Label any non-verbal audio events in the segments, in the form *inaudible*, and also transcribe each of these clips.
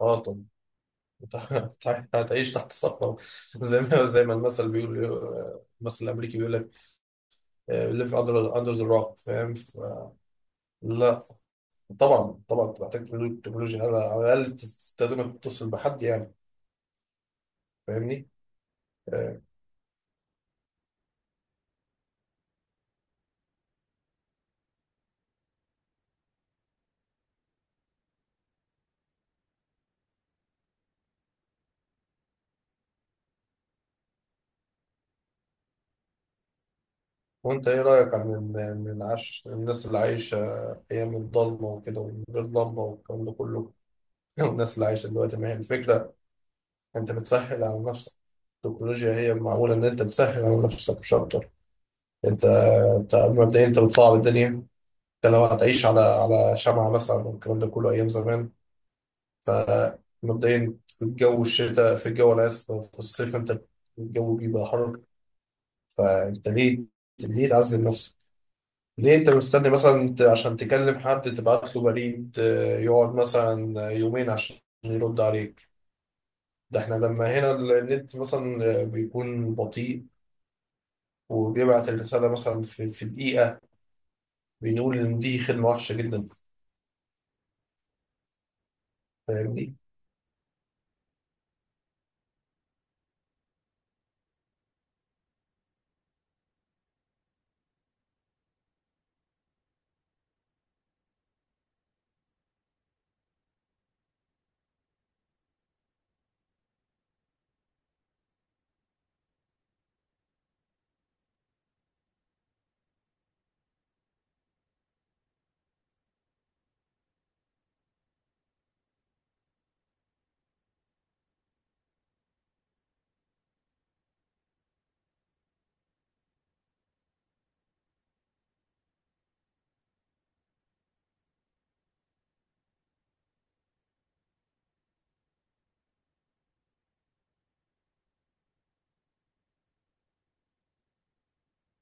اه طب. *laughs* هتعيش تحت صخرة. *laughs* زي ما المثل بيقول، المثل الأمريكي بيقول لك ليف أندر ذا روك، فاهم لا. طبعا طبعا بتحتاج تكنولوجيا على الأقل تستخدمها تتصل بحد يعني، فاهمني. آه، وأنت إيه رأيك عن عن العش الناس اللي عايشة أيام الضلمة وكده ومن غير لمبة والكلام ده كله. *laughs* والناس اللي عايشة دلوقتي، ما هي الفكرة، أنت بتسهل على نفسك. التكنولوجيا هي معمولة إن أنت تسهل على نفسك مش أكتر. انت انت مبدئيا انت بتصعب الدنيا. انت لو هتعيش على شمعة مثلا والكلام ده كله ايام زمان، فمبدئيا في الجو الشتاء في الجو، انا اسف، في الصيف انت الجو بيبقى حر. فانت ليه، ليه تعذب نفسك؟ ليه انت مستني مثلا عشان تكلم حد تبعت له بريد يقعد مثلا يومين عشان يرد عليك. ده احنا لما هنا النت مثلا بيكون بطيء وبيبعت الرسالة مثلا في دقيقة، بنقول إن دي خدمة وحشة جدا. فاهمني؟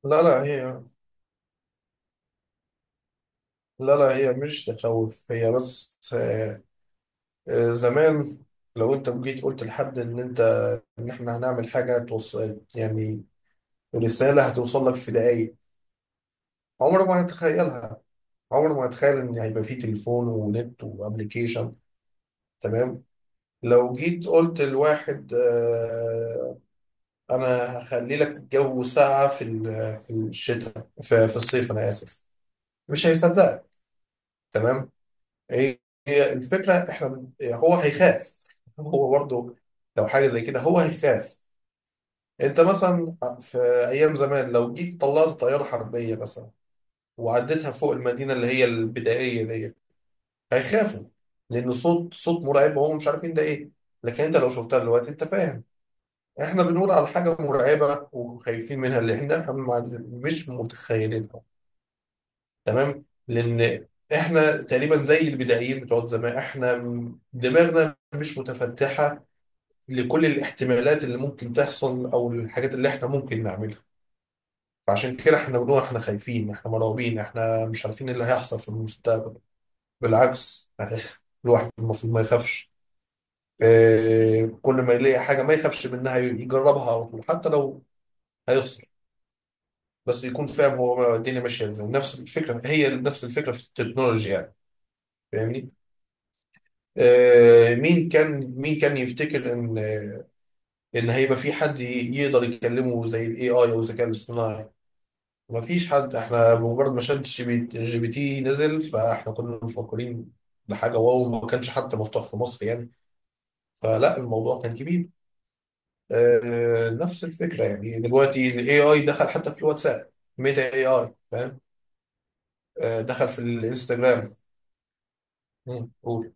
لا لا، هي لا لا، هي مش تخوف، هي بس زمان لو انت جيت قلت لحد ان انت، ان احنا هنعمل حاجه توصل يعني، رساله هتوصل لك في دقايق، عمره ما هتخيلها. عمره ما هتخيل ان هيبقى فيه تليفون ونت وابلكيشن، تمام. لو جيت قلت لواحد انا هخلي لك الجو ساقع في في الشتاء في الصيف، انا اسف، مش هيصدقك، تمام. هي هي الفكره احنا، هو هيخاف، هو برضه لو حاجه زي كده هو هيخاف. انت مثلا في ايام زمان لو جيت طلعت طياره حربيه مثلا وعديتها فوق المدينه اللي هي البدائيه دي، هيخافوا، لان صوت مرعب وهم مش عارفين ده ايه. لكن انت لو شفتها دلوقتي انت فاهم، احنا بنقول على حاجه مرعبه وخايفين منها اللي احنا مش متخيلينها. تمام، لان احنا تقريبا زي البدائيين بتوع زمان، احنا دماغنا مش متفتحه لكل الاحتمالات اللي ممكن تحصل او الحاجات اللي احنا ممكن نعملها. فعشان كده احنا بنقول احنا خايفين، احنا مرعوبين، احنا مش عارفين إيه اللي هيحصل في المستقبل. بالعكس *laughs* يعني الواحد المفروض ما يخافش. كل ما يلاقي حاجه ما يخافش منها، يجربها على طول حتى لو هيخسر، بس يكون فاهم هو الدنيا ماشيه ازاي. نفس الفكره، هي نفس الفكره في التكنولوجيا يعني، فاهمني. مين كان يفتكر ان ان هيبقى في حد يقدر يكلمه زي الاي اي او الذكاء الاصطناعي؟ مفيش حد. احنا بمجرد ما شات جي بي جي بي تي نزل، فاحنا كنا مفكرين بحاجه واو، ما كانش حتى مفتوح في مصر يعني، فلا الموضوع كان كبير. نفس الفكره يعني، دلوقتي الاي اي دخل حتى في الواتساب، ميتا اي اي فاهم. دخل في الانستجرام. مم، قول.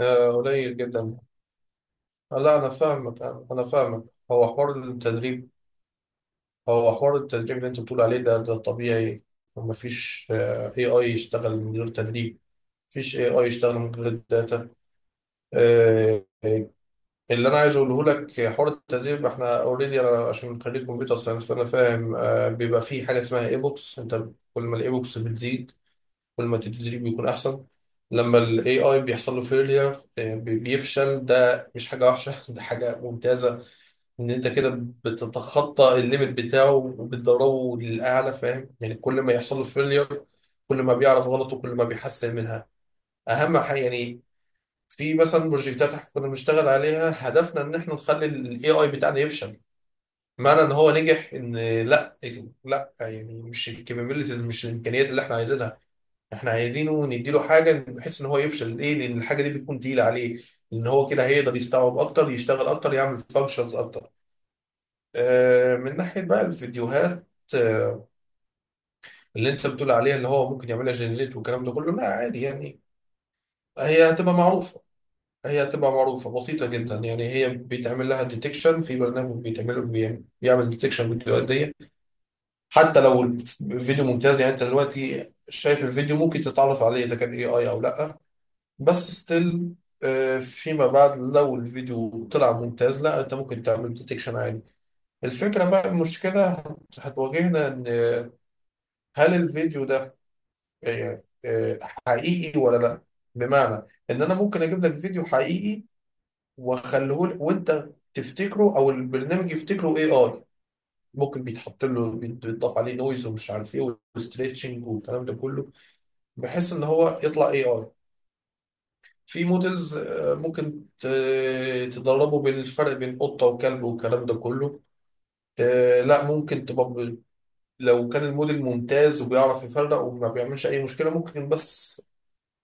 قليل جدا. لا انا فاهمك، أنا فاهمك. هو حوار التدريب هو حوار التدريب اللي انت بتقول عليه ده طبيعي، ومفيش اي اي يشتغل من غير تدريب، مفيش اي اي يشتغل من غير الداتا. آه، آه، اللي انا عايز اقوله لك، حوار التدريب احنا اوريدي، انا عشان خريج كمبيوتر ساينس فانا فاهم. بيبقى في حاجه اسمها اي بوكس. انت كل ما الاي بوكس بتزيد كل ما التدريب بيكون احسن. لما الاي اي بيحصل له فيلير، بيفشل، ده مش حاجه وحشه، *laughs* ده حاجه ممتازه. ان انت كده بتتخطى الليميت بتاعه وبتدربه للاعلى، فاهم يعني كل ما يحصل له فيلير كل ما بيعرف غلطه كل ما بيحسن منها، اهم حاجه يعني. في مثلا بروجكتات احنا كنا بنشتغل عليها، هدفنا ان احنا نخلي الاي اي بتاعنا يفشل. معنى ان هو نجح ان لا، لا يعني مش الكابابيلتيز، مش الامكانيات اللي احنا عايزينها. احنا عايزينه نديله حاجه بحيث ان هو يفشل. ليه؟ لان الحاجه دي بتكون تقيله عليه، ان هو كده هيقدر يستوعب اكتر، يشتغل اكتر، يعمل فانكشنز اكتر. من ناحية بقى الفيديوهات آه، اللي انت بتقول عليها اللي هو ممكن يعملها جنريت والكلام ده كله، لا عادي يعني. هي هتبقى معروفة هي هتبقى معروفة بسيطة جدا يعني، هي بيتعمل لها ديتكشن، في برنامج بيتعمله بيعمل ديتكشن فيديوهات دي. حتى لو الفيديو ممتاز، يعني انت دلوقتي شايف الفيديو ممكن تتعرف عليه اذا كان اي اي او لا، بس ستيل فيما بعد لو الفيديو طلع ممتاز، لا انت ممكن تعمل ديتكشن عادي. الفكرة بقى، المشكلة هتواجهنا ان هل الفيديو ده آه، آه، حقيقي ولا لا. بمعنى ان انا ممكن اجيب لك فيديو حقيقي واخليه لك، وانت تفتكره او البرنامج يفتكره اي اي. ممكن بيتحط له بيتضاف عليه نويز ومش عارف ايه وستريتشنج والكلام ده كله بحيث ان هو يطلع اي اي. في موديلز ممكن تدربه بالفرق بين قطه وكلب والكلام ده كله. لا ممكن تبقى، لو كان الموديل ممتاز وبيعرف يفرق وما بيعملش اي مشكله ممكن، بس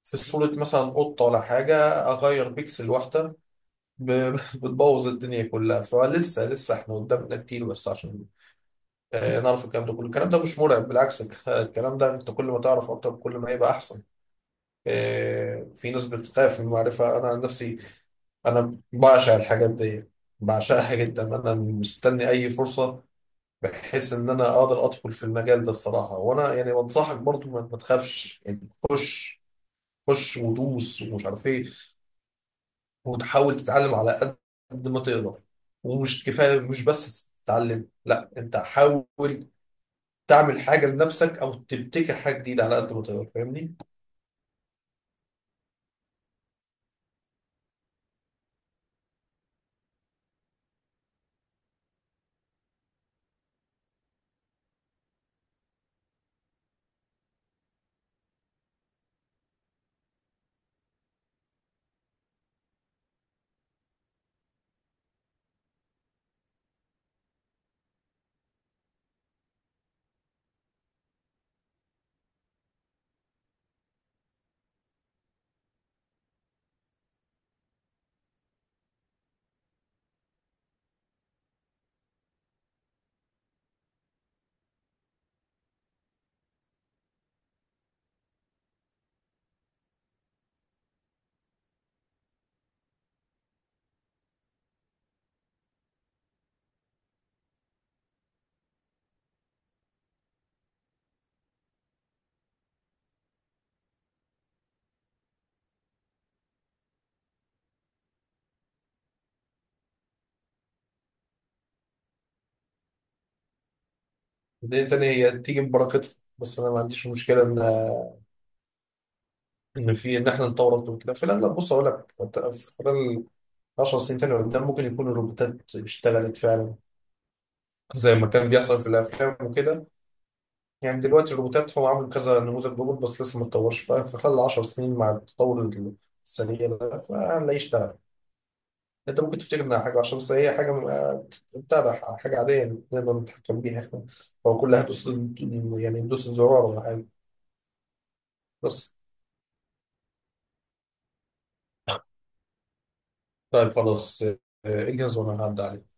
في صورة مثلا قطة ولا حاجة أغير بيكسل واحدة، *laughs* بتبوظ الدنيا كلها. فلسه لسه احنا قدامنا كتير بس عشان نعرف الكلام ده كله. الكلام ده مش مرعب، بالعكس، الكلام ده انت كل ما تعرف أكتر كل ما هيبقى أحسن. في ناس بتخاف من المعرفة. أنا عن نفسي أنا بعشق الحاجات دي، بعشقها جدا، أنا مستني أي فرصة بحيث إن أنا أقدر أدخل في المجال ده الصراحة. وأنا يعني بنصحك برضو ما تخافش يعني، خش، خش ودوس ومش عارف إيه، وتحاول تتعلم على قد ما تقدر. ومش كفاية مش بس تتعلم، لا انت حاول تعمل حاجة لنفسك او تبتكر حاجة جديدة على قد ما تقدر، فاهمني؟ لان تاني هي تيجي ببركتها، بس انا ما عنديش مشكلة ان ان في ان احنا نطور اكتر من كده في الاغلب. بص اقول لك انت، في خلال 10 سنين تاني قدام ممكن يكون الروبوتات اشتغلت فعلا زي ما كان بيحصل في الافلام وكده. يعني دلوقتي الروبوتات، هو عامل كذا نموذج روبوت بس لسه ما اتطورش، في خلال 10 سنين مع التطور السريع ده فهنلاقيه اشتغل. انت ممكن تفتكر انها حاجه، عشان بس هي حاجه تتابع، حاجه عاديه نقدر نتحكم بيها احنا، هو كلها دوس يعني، ندوس الزرار ولا حاجه بس. طيب خلاص اجهز وانا هعدي عليك.